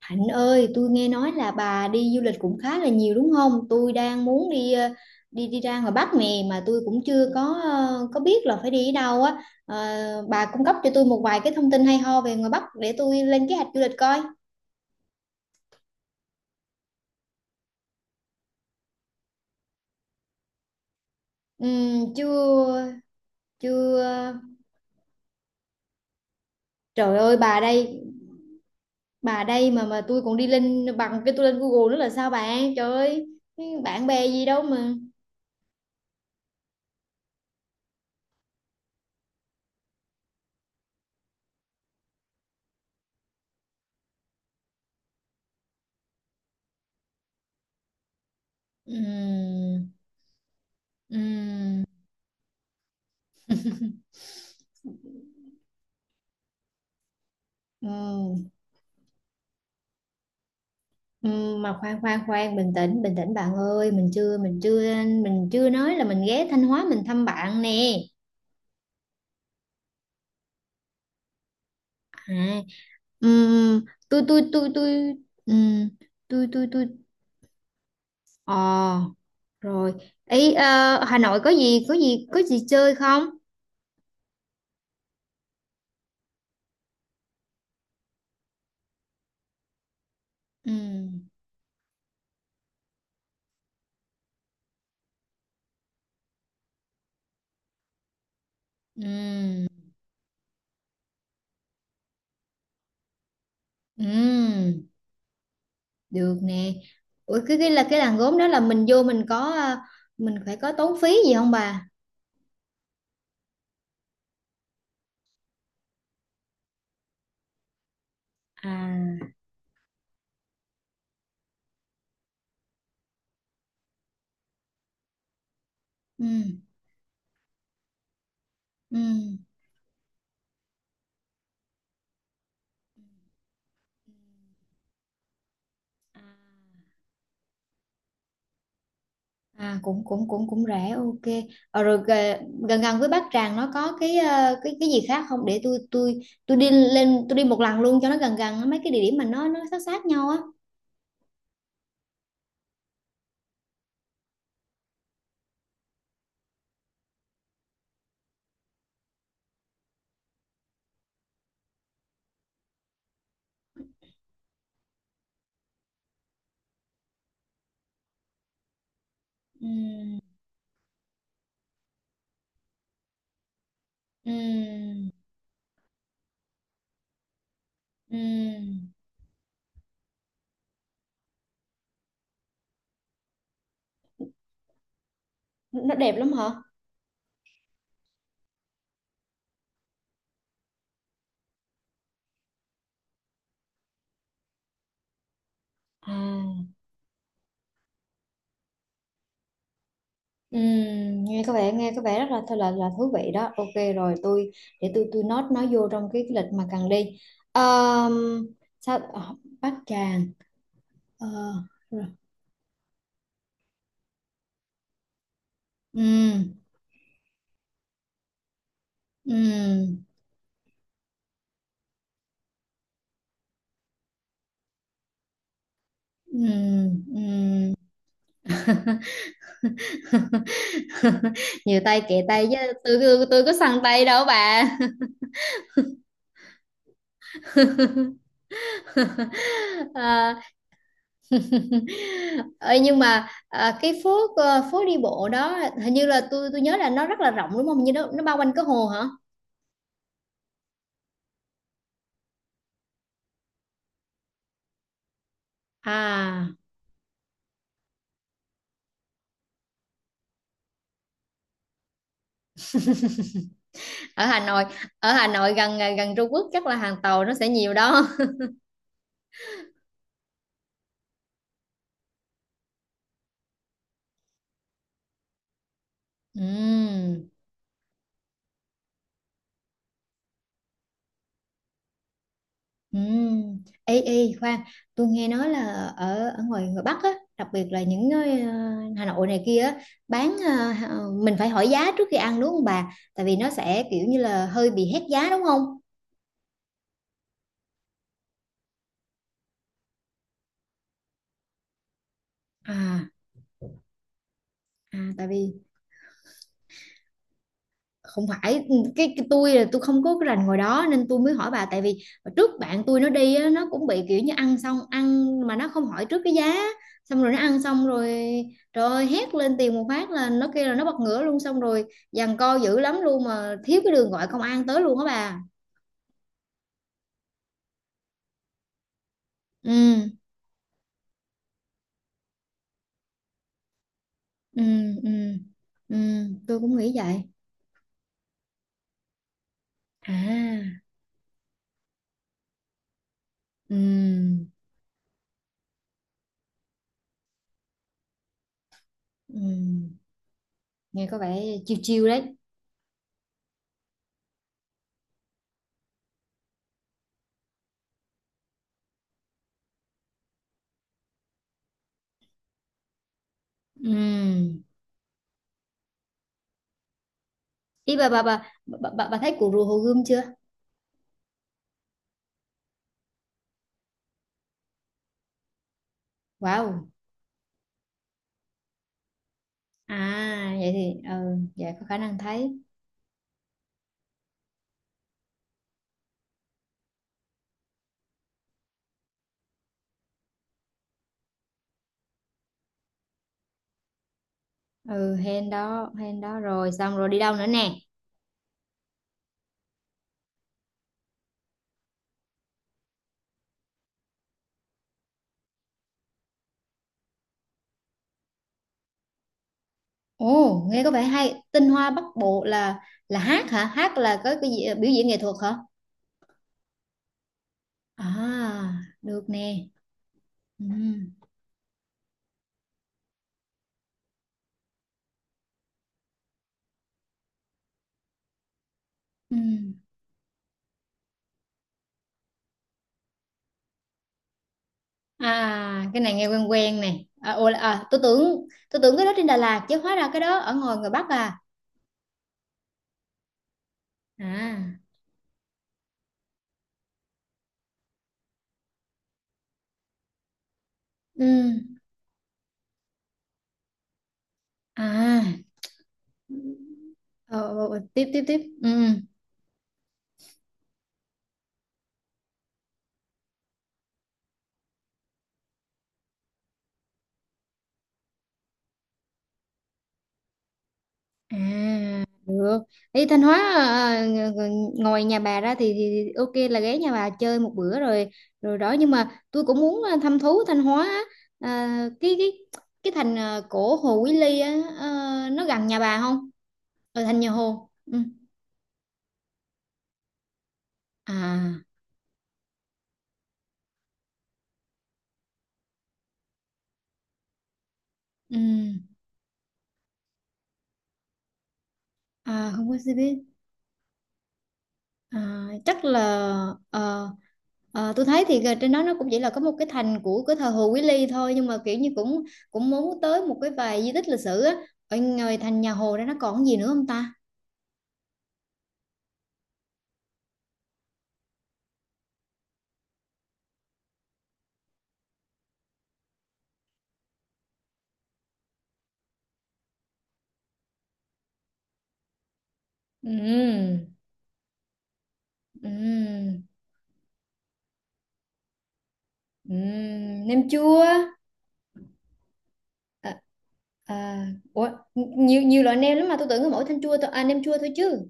Hạnh ơi, tôi nghe nói là bà đi du lịch cũng khá là nhiều đúng không? Tôi đang muốn đi ờ, đi đi ra ngoài Bắc nè mà tôi cũng chưa có biết là phải đi ở đâu á. Ờ, bà cung cấp cho tôi một vài cái thông tin hay ho về ngoài Bắc để tôi lên kế hoạch du lịch coi. Chưa, chưa. Trời ơi, bà đây, bà đây mà tôi còn đi lên bằng cái tôi lên Google nữa là sao bạn? Trời ơi, bạn bè gì đâu mà. Ừm. Ừm. Ừm. Ừ, mà khoan khoan khoan, bình tĩnh bình tĩnh, bạn ơi, mình chưa, mình chưa nói là mình ghé Thanh Hóa mình thăm bạn nè. À, ừm, tôi tôi tôi tôi ừm, tôi ờ Rồi. Hà Nội có gì chơi không? Ừm. Ừm. Ừm. Được nè. Ủa, cái là cái làng gốm đó, là mình vô, mình phải có tốn phí gì không bà? à ừm. Ừm. À. À, cũng cũng cũng cũng rẻ, ok. Rồi gần gần với Bát Tràng nó có cái ờ, cái gì khác không để tôi đi lên, tôi đi một lần luôn cho nó gần gần mấy cái địa điểm mà nó sát sát nhau á? Ừm. Ừm. Ừm. Nó đẹp lắm hả? À. Nghe có vẻ rất là thú vị đó. Ok rồi, tôi để tôi note nó vô trong cái lịch mà cần đi. Ờm, Sao Bát Tràng. Ờ, rồi. Ừm. Ừm. Ừm. Ừm. Nhiều tay kệ tay chứ, tôi có săn tay đâu bà. à, ờ, nhưng mà cái phố đi bộ đó hình như là tôi nhớ là nó rất là rộng đúng không, như nó bao quanh cái hồ hả? à ở Hà Nội Ở Hà Nội gần gần Trung Quốc chắc là hàng tàu nó sẽ nhiều đó. Ừm. Ừ. Ê, ê, khoan, tôi nghe nói là ở ở ngoài ngoài Bắc á, đặc biệt là những nơi Hà Nội này kia á, bán mình phải hỏi giá trước khi ăn đúng không bà? Tại vì nó sẽ kiểu như là hơi bị hét giá đúng không? À, à, tại vì không phải, cái tôi là tôi không có cái rành ngồi đó nên tôi mới hỏi bà. Tại vì trước bạn tôi nó đi á, nó cũng bị kiểu như ăn xong, ăn mà nó không hỏi trước cái giá, xong rồi nó ăn xong rồi trời ơi hét lên tiền một phát là nó kêu là nó bật ngửa luôn, xong rồi giằng co dữ lắm luôn, mà thiếu cái đường gọi công an tới luôn á bà. Ừ, ừ, ừ, ừ, tôi cũng nghĩ vậy. À, ừ, ừ. Nghe có vẻ chiêu chiêu đấy. Ừ. ý bà thấy cuộc rùa Hồ Gươm chưa? Wow. À, vậy thì vậy có khả năng thấy. Ừ, hên đó, hên đó. Rồi xong rồi đi đâu nữa nè? Ồ, nghe có vẻ hay. Tinh hoa Bắc Bộ là hát hả? Hát là có cái gì, biểu diễn nghệ thuật hả? À, được nè. Ừ, ừ. À, cái này nghe quen quen nè. À, ồ, à, tôi tưởng cái đó trên Đà Lạt chứ, hóa ra cái đó ở ngoài ngoài Bắc à? À, ừ. À. Ờ, ờ, ờ, tiếp tiếp tiếp. Ừ. À, được. Đi Thanh Hóa à, ngoài nhà bà ra thì, ok là ghé nhà bà chơi một bữa rồi, rồi đó. Nhưng mà tôi cũng muốn thăm thú Thanh Hóa á. À, cái thành cổ Hồ Quý Ly á, à, nó gần nhà bà không? Ở Thành Nhà Hồ. Ừ. À, ừ. À, không có xe buýt. À, chắc là ờ, tôi thấy thì trên đó nó cũng chỉ là có một cái thành của cái thờ Hồ Quý Ly thôi, nhưng mà kiểu như cũng cũng muốn tới một cái vài di tích lịch sử á. Ở ngoài Thành Nhà Hồ ra nó còn gì nữa không ta? Ừm. Ừm. Ừm, nem chua. À, à, ủa, nhiều nhiều loại nem lắm mà tôi tưởng có mỗi thanh chua thôi à, nem chua thôi chứ?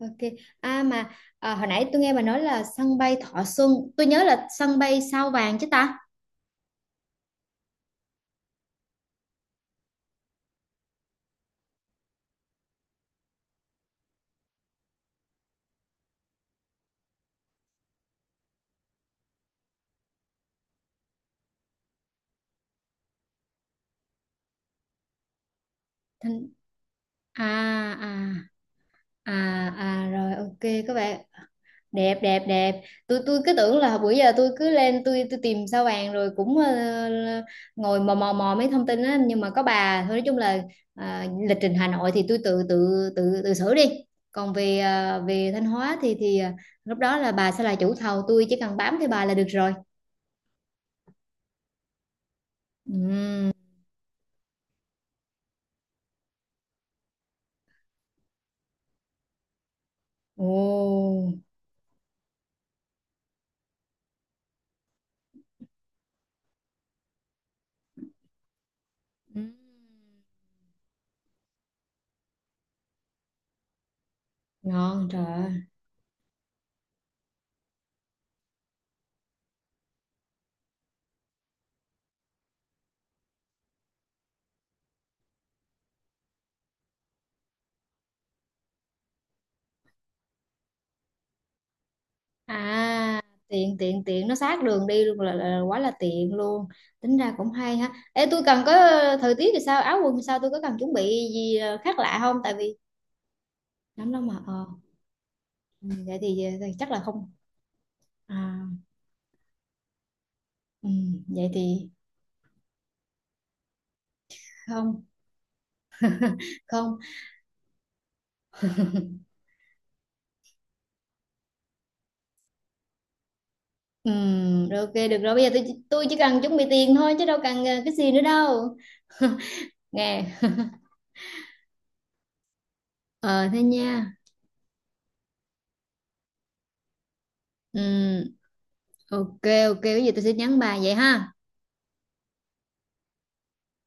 Ok. À mà, à, hồi nãy tôi nghe bà nói là sân bay Thọ Xuân, tôi nhớ là sân bay Sao Vàng chứ ta? À, à, à, à, rồi, ok. Các bạn đẹp đẹp đẹp. Tôi cứ tưởng là bữa giờ tôi cứ lên tôi tìm Sao Vàng rồi cũng ngồi mò mò mò mấy thông tin á, nhưng mà có bà thôi nói chung là ờ, lịch trình Hà Nội thì tôi tự tự tự tự xử đi, còn về Thanh Hóa thì lúc đó là bà sẽ là chủ thầu, tôi chỉ cần bám theo bà là được rồi. Ừm. Ồ. Ừm. Ngon trời ơi. À, tiện tiện tiện, nó sát đường đi luôn, là quá là tiện luôn. Tính ra cũng hay ha. Ê, tôi cần có, thời tiết thì sao, áo quần thì sao, tôi có cần chuẩn bị gì khác lạ không, tại vì nắng lắm mà ờ ừ, vậy thì, chắc là không. À, ừ, vậy thì không, không, ừ. Rồi, ok, được rồi, bây giờ tôi chỉ cần chuẩn bị tiền thôi chứ đâu cần cái gì nữa đâu nè. Ờ Thế nha. Ừ, ok. Ok, bây giờ tôi sẽ nhắn bà vậy ha.